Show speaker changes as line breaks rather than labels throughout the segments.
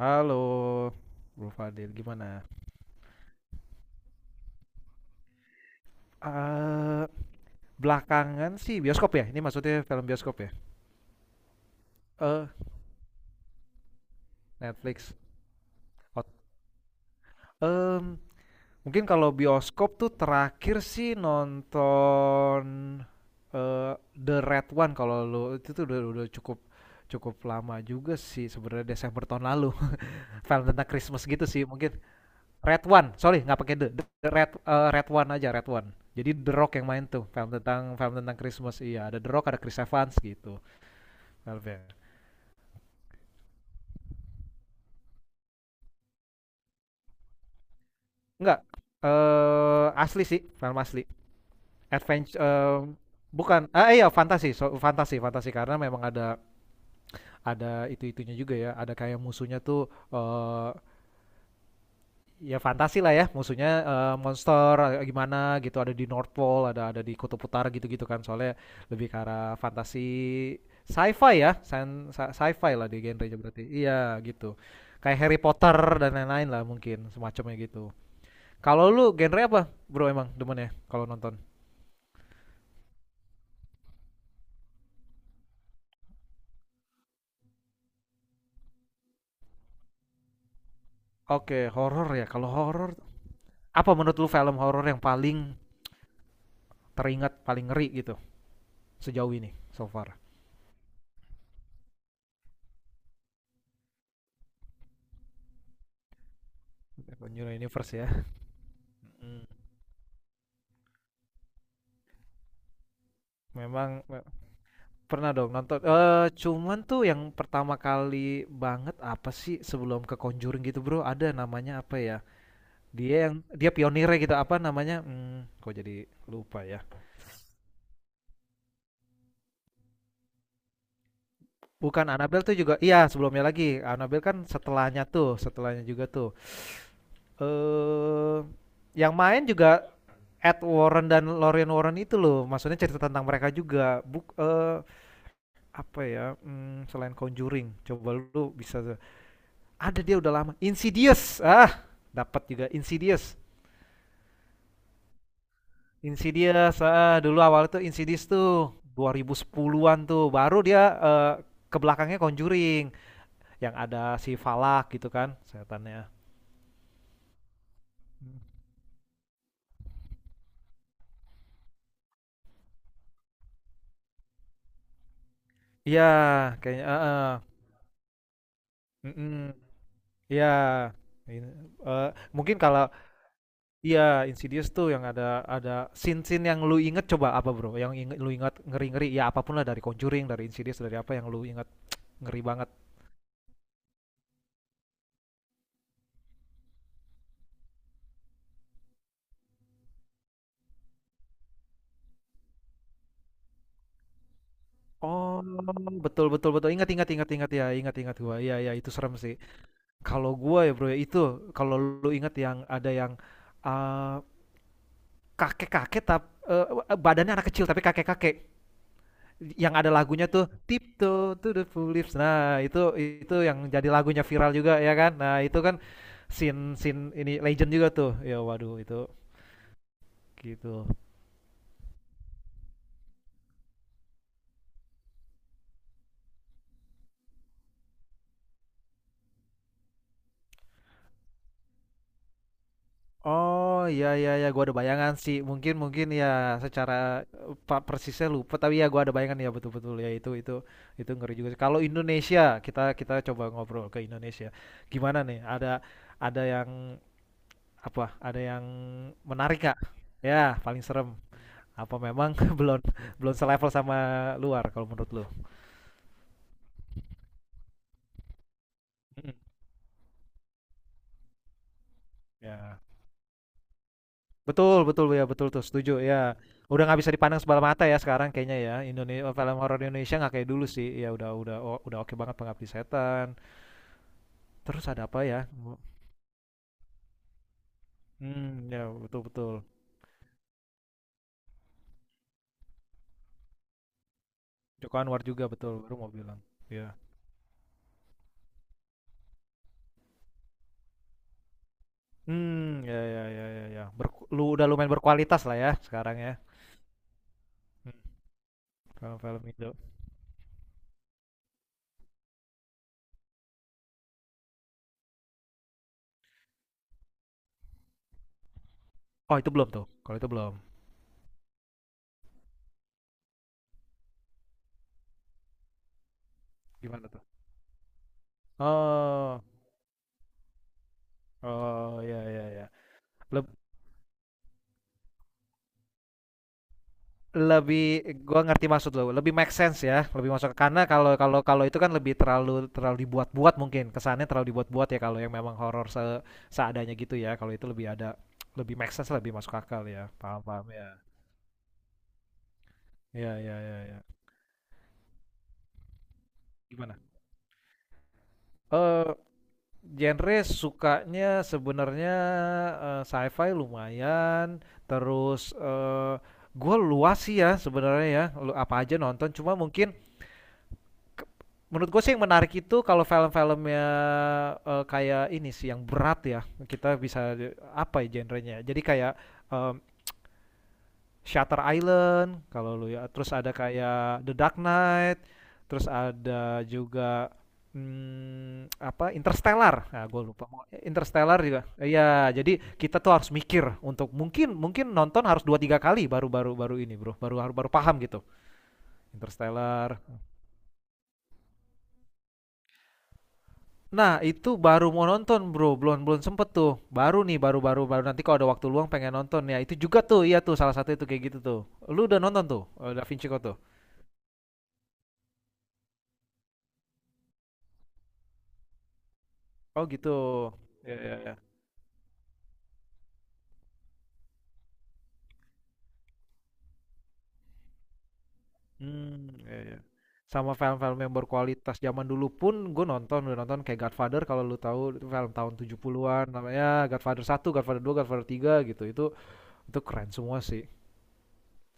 Halo, Bro Fadil, gimana? Eee, belakangan sih bioskop ya? Ini maksudnya film bioskop ya? Eh, Netflix. Ot Mmm, mungkin kalau bioskop tuh terakhir sih nonton, eee, The Red One kalau lu itu tuh udah cukup cukup lama juga sih sebenarnya Desember tahun lalu. Film tentang Christmas gitu sih mungkin. Red One, sorry nggak pakai the, Red Red One aja Red One. Jadi The Rock yang main tuh film tentang Christmas, iya ada The Rock ada Chris Evans gitu filmnya. Enggak, asli sih, film asli adventure, bukan, iya fantasi, so, fantasi fantasi karena memang ada itu itunya juga ya, ada kayak musuhnya tuh, ya fantasi lah ya, musuhnya monster gimana gitu, ada di North Pole, ada di Kutub Utara gitu-gitu kan soalnya. Lebih ke arah fantasi, sci-fi ya, fi lah di genrenya berarti, iya gitu, kayak Harry Potter dan lain-lain lah mungkin semacamnya gitu. Kalau lu genre apa bro, emang demen ya kalau nonton? Oke, horor ya, kalau horor, apa menurut lu film horor yang paling teringat, paling ngeri gitu, sejauh ini, so far? Conjuring Universe ya. Mm. Memang me- Pernah dong nonton, cuman tuh yang pertama kali banget apa sih sebelum ke Conjuring gitu Bro, ada namanya apa ya, dia pionirnya gitu, apa namanya, kok jadi lupa ya. Bukan Annabelle tuh juga, iya sebelumnya lagi, Annabelle kan setelahnya tuh, setelahnya juga tuh. Eee, yang main juga Ed Warren dan Lorraine Warren itu loh, maksudnya cerita tentang mereka juga, apa ya, selain Conjuring coba lu bisa. Ada, dia udah lama. Insidious. Ah, dapat juga, Insidious. Insidious. Ah, dulu awal itu Insidious tuh 2010-an tuh. Baru dia, eh, ke belakangnya Conjuring, yang ada si Falak gitu kan, setannya. Iya, kayaknya, ah, ah. Mm-mm. Iya. Ini, eh, mungkin kalau, iya, Insidious tuh yang ada scene-scene yang lu inget, coba apa bro? Yang inget, lu inget ngeri-ngeri ya, apapun lah dari Conjuring, dari Insidious, dari apa yang lu inget ngeri banget. Oh, betul betul betul. Ingat ingat ingat ingat ya, ingat ingat gua. Iya ya, itu serem sih. Kalau gua ya, Bro, ya itu, kalau lu ingat, yang ada yang, eh, kakek-kakek tapi badannya anak kecil tapi kakek-kakek, yang ada lagunya tuh, Tiptoe to the Tulips. Nah, itu, yang jadi lagunya viral juga ya kan. Nah, itu kan scene scene ini legend juga tuh. Ya waduh, itu gitu. Oh, iya iya ya, gua ada bayangan sih. Mungkin mungkin ya, secara persisnya lupa, tapi ya gua ada bayangan ya, betul-betul ya itu, itu ngeri juga sih. Kalau Indonesia, kita kita coba ngobrol ke Indonesia. Gimana nih? Ada, yang apa? Ada yang menarik Kak? Ya, paling serem. Apa memang belum belum selevel sama luar kalau menurut lu? Mm. Ya. Betul betul ya, betul tuh, setuju ya. Udah nggak bisa dipandang sebelah mata ya sekarang, kayaknya ya, Indonesia, film horor Indonesia nggak kayak dulu sih ya, udah udah oke banget Pengabdi Setan, terus ada apa ya. Hmm, ya betul betul. Joko Anwar juga betul, baru mau bilang ya. Hmm, ya ya ya ya ya, lu udah lumayan berkualitas lah ya sekarang ya. Hmm, film-film Indo, oh itu belum tuh, kalau itu belum, gimana tuh? Oh, oh ya ya ya, lebih, gua ngerti maksud lo, lebih make sense ya, lebih masuk ke, karena kalau kalau kalau itu kan lebih terlalu, dibuat-buat mungkin, kesannya terlalu dibuat-buat ya. Kalau yang memang horor, seadanya gitu ya, kalau itu lebih ada, lebih make sense, lebih masuk akal ya, paham paham ya, ya ya ya, ya. Gimana, eh genre sukanya sebenarnya, sci-fi lumayan, terus, gua luas sih ya sebenarnya ya, lu apa aja nonton, cuma mungkin menurut gue sih yang menarik itu kalau film-filmnya, kayak ini sih, yang berat ya, kita bisa, apa ya genrenya, jadi kayak em, Shutter Island kalau lu ya, terus ada kayak The Dark Knight, terus ada juga, hmm, apa, Interstellar, nah, gue lupa. Interstellar juga, iya, jadi kita tuh harus mikir, untuk mungkin, mungkin nonton harus dua tiga kali baru, baru baru ini bro, baru, baru baru paham gitu. Interstellar. Nah, itu baru mau nonton, Bro, belum belum sempet tuh. Baru nih, baru, baru baru nanti kalau ada waktu luang pengen nonton ya. Itu juga tuh, iya tuh, salah satu itu kayak gitu tuh. Lu udah nonton tuh, Da Vinci Code tuh? Oh gitu. Ya ya ya. Hmm, ya ya. Sama film-film yang berkualitas zaman dulu pun gue nonton, udah nonton kayak Godfather, kalau lu tahu itu film tahun 70-an namanya. Godfather satu, Godfather dua, Godfather tiga gitu. Itu keren semua sih.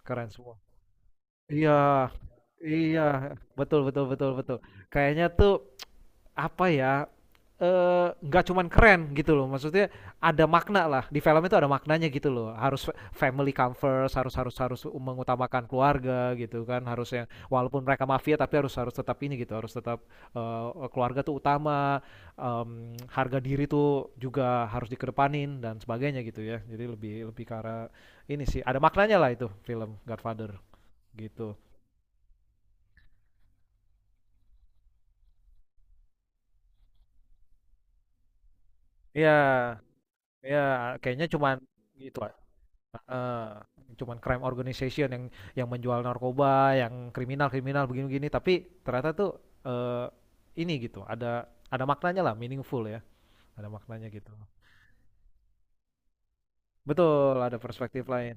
Keren semua. Iya. Iya, betul betul betul betul. Kayaknya tuh, apa ya, nggak, cuman keren gitu loh maksudnya, ada makna lah, di film itu ada maknanya gitu loh, harus family come first, harus harus harus mengutamakan keluarga gitu kan. Harus yang, walaupun mereka mafia tapi harus harus tetap ini gitu, harus tetap, keluarga tuh utama, em, harga diri tuh juga harus dikedepanin dan sebagainya gitu ya, jadi lebih, ke arah ini sih, ada maknanya lah itu film Godfather gitu. Ya ya, kayaknya cuman gitu. Heeh, cuman crime organization yang menjual narkoba, yang kriminal-kriminal begini-begini, tapi ternyata tuh, eh ini gitu, ada maknanya lah, meaningful ya, ada maknanya gitu. Betul, ada perspektif lain.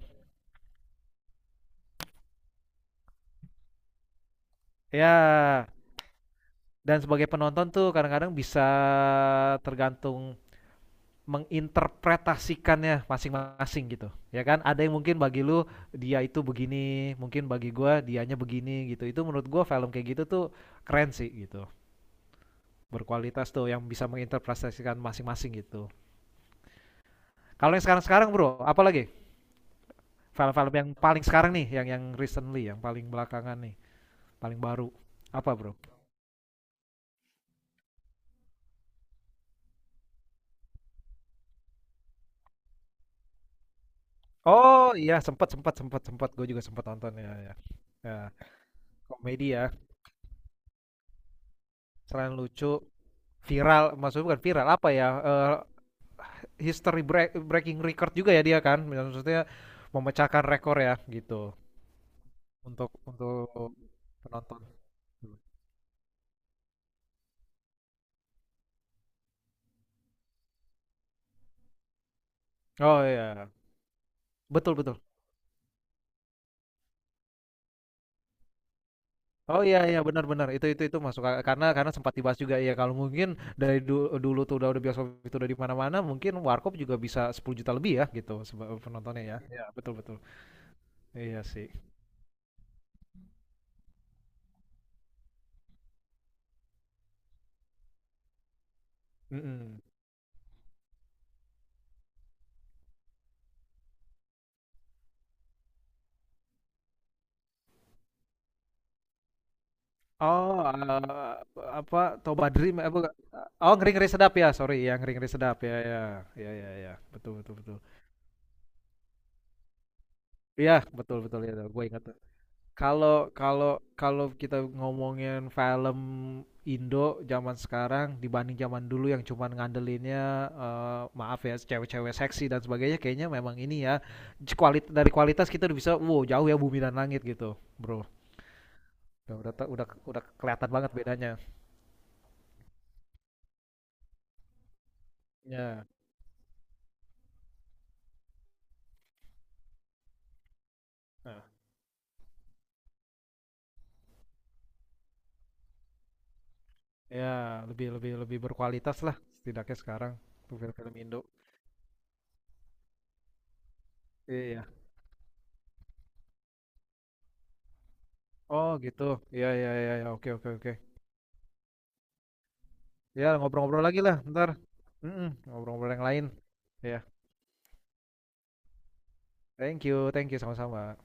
Ya, dan sebagai penonton tuh kadang-kadang bisa, tergantung, menginterpretasikannya masing-masing gitu. Ya kan? Ada yang mungkin bagi lu dia itu begini, mungkin bagi gua dianya begini gitu. Itu menurut gua film kayak gitu tuh keren sih gitu. Berkualitas tuh, yang bisa menginterpretasikan masing-masing gitu. Kalau yang sekarang-sekarang bro, apa lagi? Film-film yang paling sekarang nih, yang recently, yang paling belakangan nih, paling baru. Apa bro? Oh iya, sempat, sempat sempat sempat gue juga sempat nonton ya ya. Ya, komedi ya, selain lucu, viral, maksudnya bukan viral apa ya? Breaking record juga ya dia kan, maksudnya memecahkan rekor ya gitu, untuk penonton. Oh iya, betul betul. Oh iya iya, benar-benar, itu, itu masuk akal, karena, sempat dibahas juga ya, kalau mungkin dari, dulu tuh udah, bioskop itu udah di mana-mana, mungkin warkop juga bisa 10 juta lebih ya gitu, penontonnya ya. Iya betul betul. Iya sih. Mm-mm. Oh, apa, Toba Dream apa, oh ngeri-ngeri sedap ya, sorry ya, ngeri-ngeri sedap ya ya ya ya ya, betul betul betul. Iya betul betul ya, gue ingat. Kalau kalau kalau kita ngomongin film Indo zaman sekarang dibanding zaman dulu yang cuman ngandelinnya, maaf ya, cewek-cewek seksi dan sebagainya, kayaknya memang ini ya, dari kualitas kita udah bisa wow, jauh ya, bumi dan langit gitu bro. Udah udah, kelihatan banget bedanya ya. Nah, ya, lebih, lebih berkualitas lah setidaknya sekarang tuh film-film Indo. Iya. Oh gitu. Iya iya iya ya. Oke oke oke. Ya, ngobrol-ngobrol lagi lah ntar. Mm-mm, ngobrol-ngobrol yang lain. Ya, thank you, sama-sama.